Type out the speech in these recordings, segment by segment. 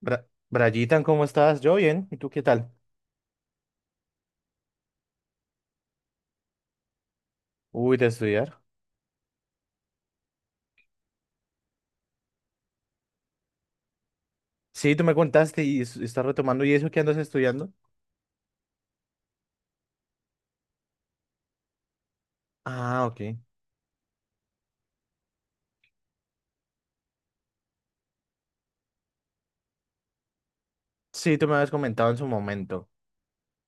Bra- Brayitan, ¿cómo estás? Yo bien, ¿y tú qué tal? Uy, de estudiar. Sí, tú me contaste y es- estás retomando, ¿y eso que andas estudiando? Ah, ok. Sí, tú me habías comentado en su momento.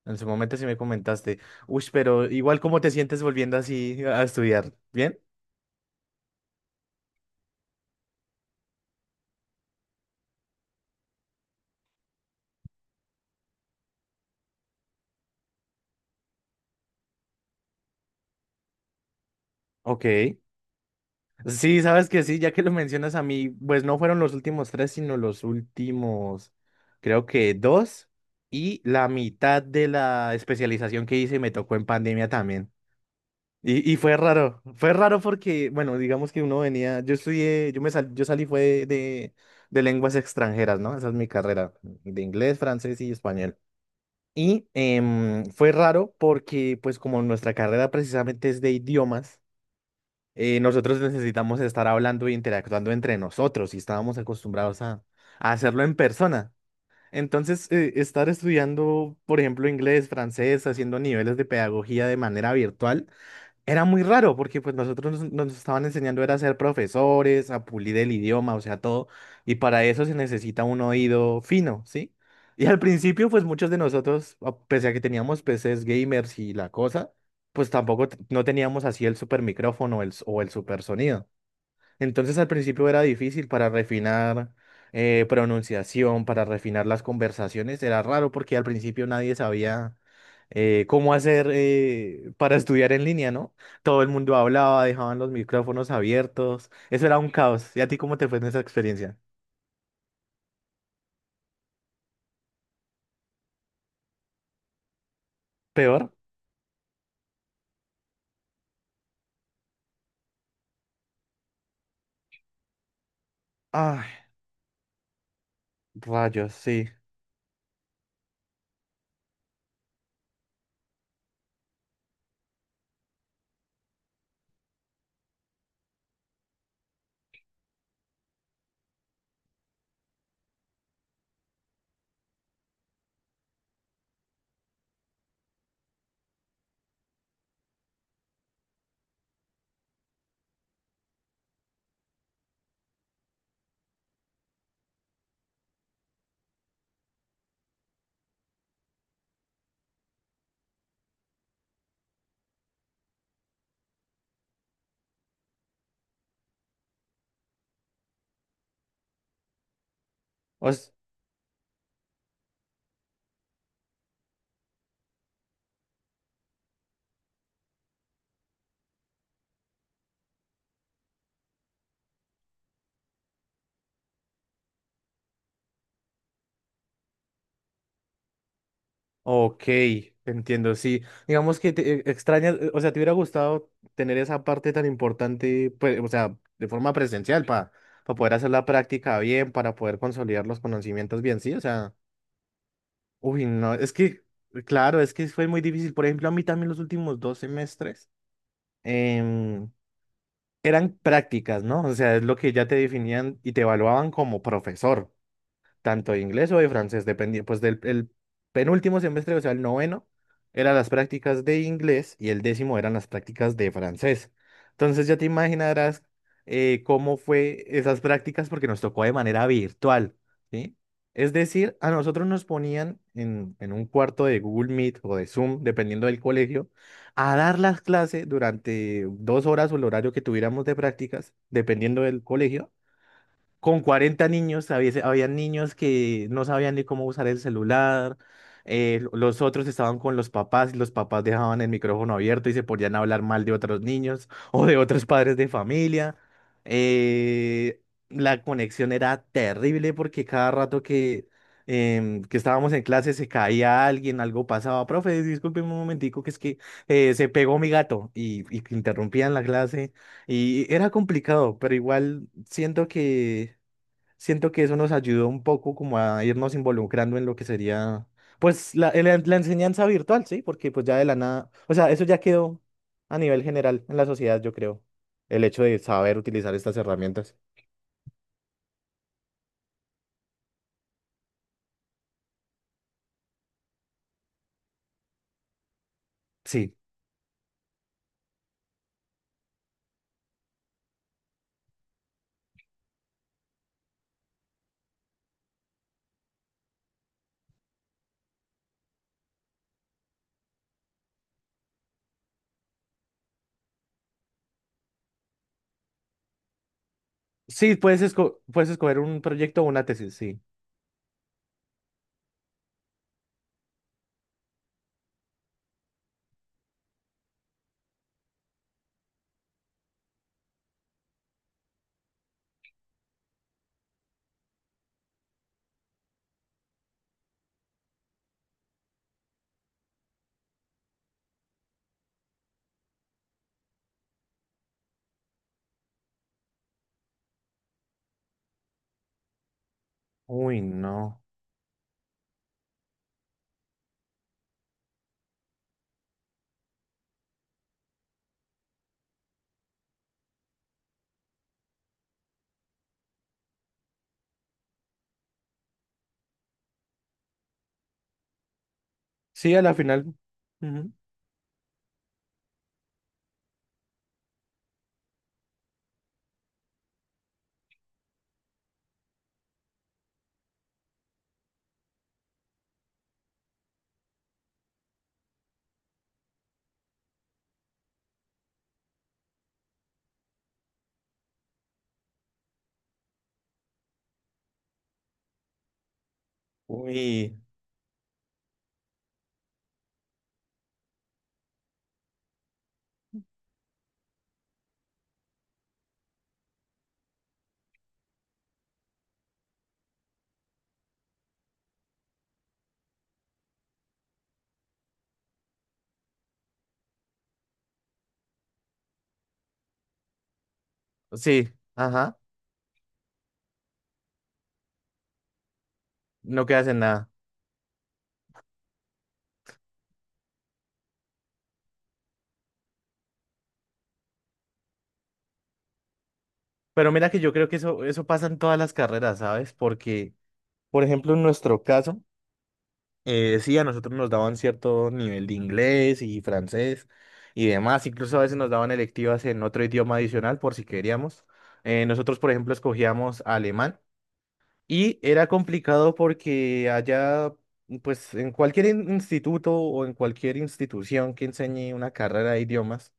En su momento sí me comentaste. Uy, pero igual, ¿cómo te sientes volviendo así a estudiar? ¿Bien? Ok. Sí, sabes que sí, ya que lo mencionas a mí, pues no fueron los últimos tres, sino los últimos, creo que dos, y la mitad de la especialización que hice me tocó en pandemia también. Y fue raro porque, bueno, digamos que uno venía, yo estudié, yo me sal- yo salí fue de lenguas extranjeras, ¿no? Esa es mi carrera, de inglés, francés y español. Y fue raro porque, pues como nuestra carrera precisamente es de idiomas, nosotros necesitamos estar hablando e interactuando entre nosotros y estábamos acostumbrados a hacerlo en persona. Entonces, estar estudiando, por ejemplo, inglés, francés, haciendo niveles de pedagogía de manera virtual era muy raro porque pues nosotros nos estaban enseñando era a ser profesores, a pulir el idioma, o sea, todo, y para eso se necesita un oído fino, ¿sí? Y al principio pues muchos de nosotros, a- pese a que teníamos PCs gamers y la cosa, pues tampoco t- no teníamos así el super micrófono el, s- o el super sonido. Entonces al principio era difícil para refinar pronunciación, para refinar las conversaciones. Era raro porque al principio nadie sabía cómo hacer para estudiar en línea, ¿no? Todo el mundo hablaba, dejaban los micrófonos abiertos. Eso era un caos. ¿Y a ti cómo te fue en esa experiencia? ¿Peor? Ay, rayos, sí. Ok, entiendo, sí. Digamos que te extrañas, o sea, te hubiera gustado tener esa parte tan importante, pues, o sea, de forma presencial, para poder hacer la práctica bien, para poder consolidar los conocimientos bien, sí, o sea, uy, no, es que, claro, es que fue muy difícil. Por ejemplo, a mí también los últimos dos semestres em, eran prácticas, ¿no? O sea, es lo que ya te definían y te evaluaban como profesor tanto de inglés o de francés, dependiendo pues del el penúltimo semestre, o sea, el noveno, eran las prácticas de inglés y el décimo eran las prácticas de francés. Entonces ya te imaginarás cómo fue esas prácticas porque nos tocó de manera virtual, ¿sí? Es decir, a nosotros nos ponían en un cuarto de Google Meet o de Zoom, dependiendo del colegio, a dar las clases durante dos horas o el horario que tuviéramos de prácticas, dependiendo del colegio con 40 niños, había, había niños que no sabían ni cómo usar el celular, los otros estaban con los papás y los papás dejaban el micrófono abierto y se podían hablar mal de otros niños o de otros padres de familia. Eh, la conexión era terrible porque cada rato que, que estábamos en clase se caía alguien, algo pasaba. Profe, disculpe un momentico, que es que se pegó mi gato y interrumpían la clase y era complicado, pero igual siento que eso nos ayudó un poco como a irnos involucrando en lo que sería, pues, la enseñanza virtual, ¿sí? Porque pues ya de la nada, o sea, eso ya quedó a nivel general en la sociedad, yo creo, el hecho de saber utilizar estas herramientas. Sí, sí, puedes, esco- puedes escoger un proyecto o una tesis, sí. Uy, no. Sí, a la final. Ujú. Uy, sí, ajá, no quedas en nada. Pero mira que yo creo que eso pasa en todas las carreras, ¿sabes? Porque, por ejemplo, en nuestro caso, sí, a nosotros nos daban cierto nivel de inglés y francés y demás. Incluso a veces nos daban electivas en otro idioma adicional por si queríamos. Nosotros, por ejemplo, escogíamos alemán y era complicado porque allá, pues en cualquier in- instituto o en cualquier institución que enseñe una carrera de idiomas,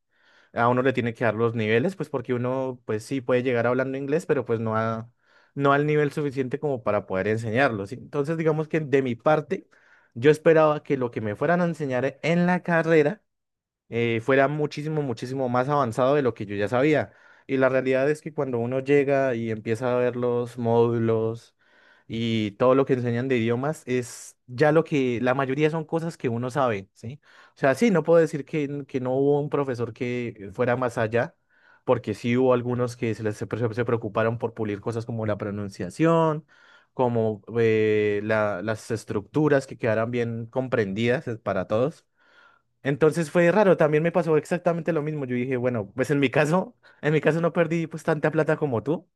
a uno le tiene que dar los niveles, pues porque uno, pues sí puede llegar hablando inglés, pero pues no a, no al nivel suficiente como para poder enseñarlo, ¿sí? Entonces, digamos que de mi parte, yo esperaba que lo que me fueran a enseñar en la carrera fuera muchísimo, muchísimo más avanzado de lo que yo ya sabía. Y la realidad es que cuando uno llega y empieza a ver los módulos y todo lo que enseñan de idiomas, es ya lo que la mayoría son cosas que uno sabe, ¿sí? O sea, sí, no puedo decir que, n- que no hubo un profesor que fuera más allá, porque sí hubo algunos que se preocuparon por pulir cosas como la pronunciación, como la- las estructuras que quedaran bien comprendidas para todos. Entonces fue raro, también me pasó exactamente lo mismo. Yo dije, bueno, pues en mi caso no perdí pues tanta plata como tú,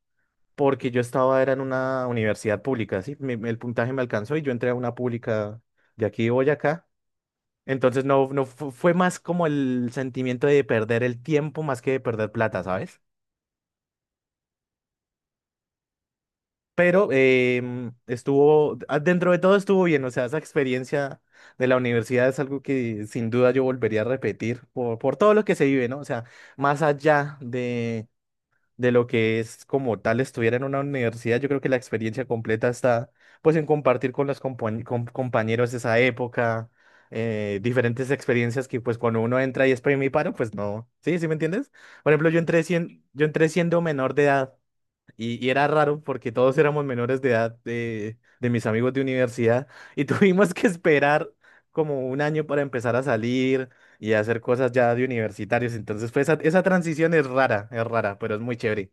porque yo estaba, era en una universidad pública, ¿sí? Mi- el puntaje me alcanzó y yo entré a una pública de aquí de Boyacá. Entonces no, no fu- fue más como el sentimiento de perder el tiempo más que de perder plata, ¿sabes? Pero estuvo, ah, dentro de todo estuvo bien, o sea, esa experiencia de la universidad es algo que sin duda yo volvería a repetir por todo lo que se vive, ¿no? O sea, más allá de lo que es como tal estudiar en una universidad, yo creo que la experiencia completa está pues en compartir con los compañeros de esa época, diferentes experiencias que pues cuando uno entra y es paro, pues no, ¿sí? ¿Sí me entiendes? Por ejemplo, yo entré, sien- yo entré siendo menor de edad. Y era raro porque todos éramos menores de edad de mis amigos de universidad y tuvimos que esperar como un año para empezar a salir y a hacer cosas ya de universitarios. Entonces, fue esa, esa transición es rara, pero es muy chévere.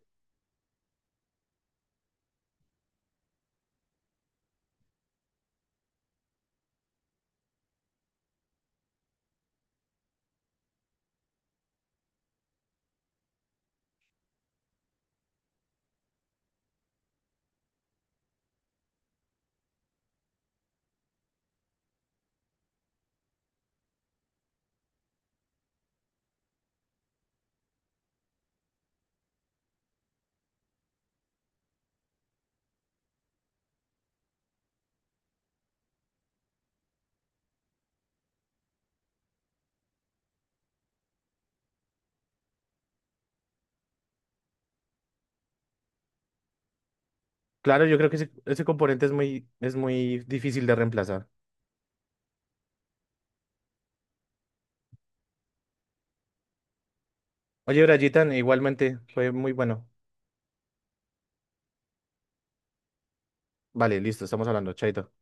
Claro, yo creo que ese componente es muy difícil de reemplazar. Oye, Brayitan, igualmente fue muy bueno. Vale, listo, estamos hablando, chaito.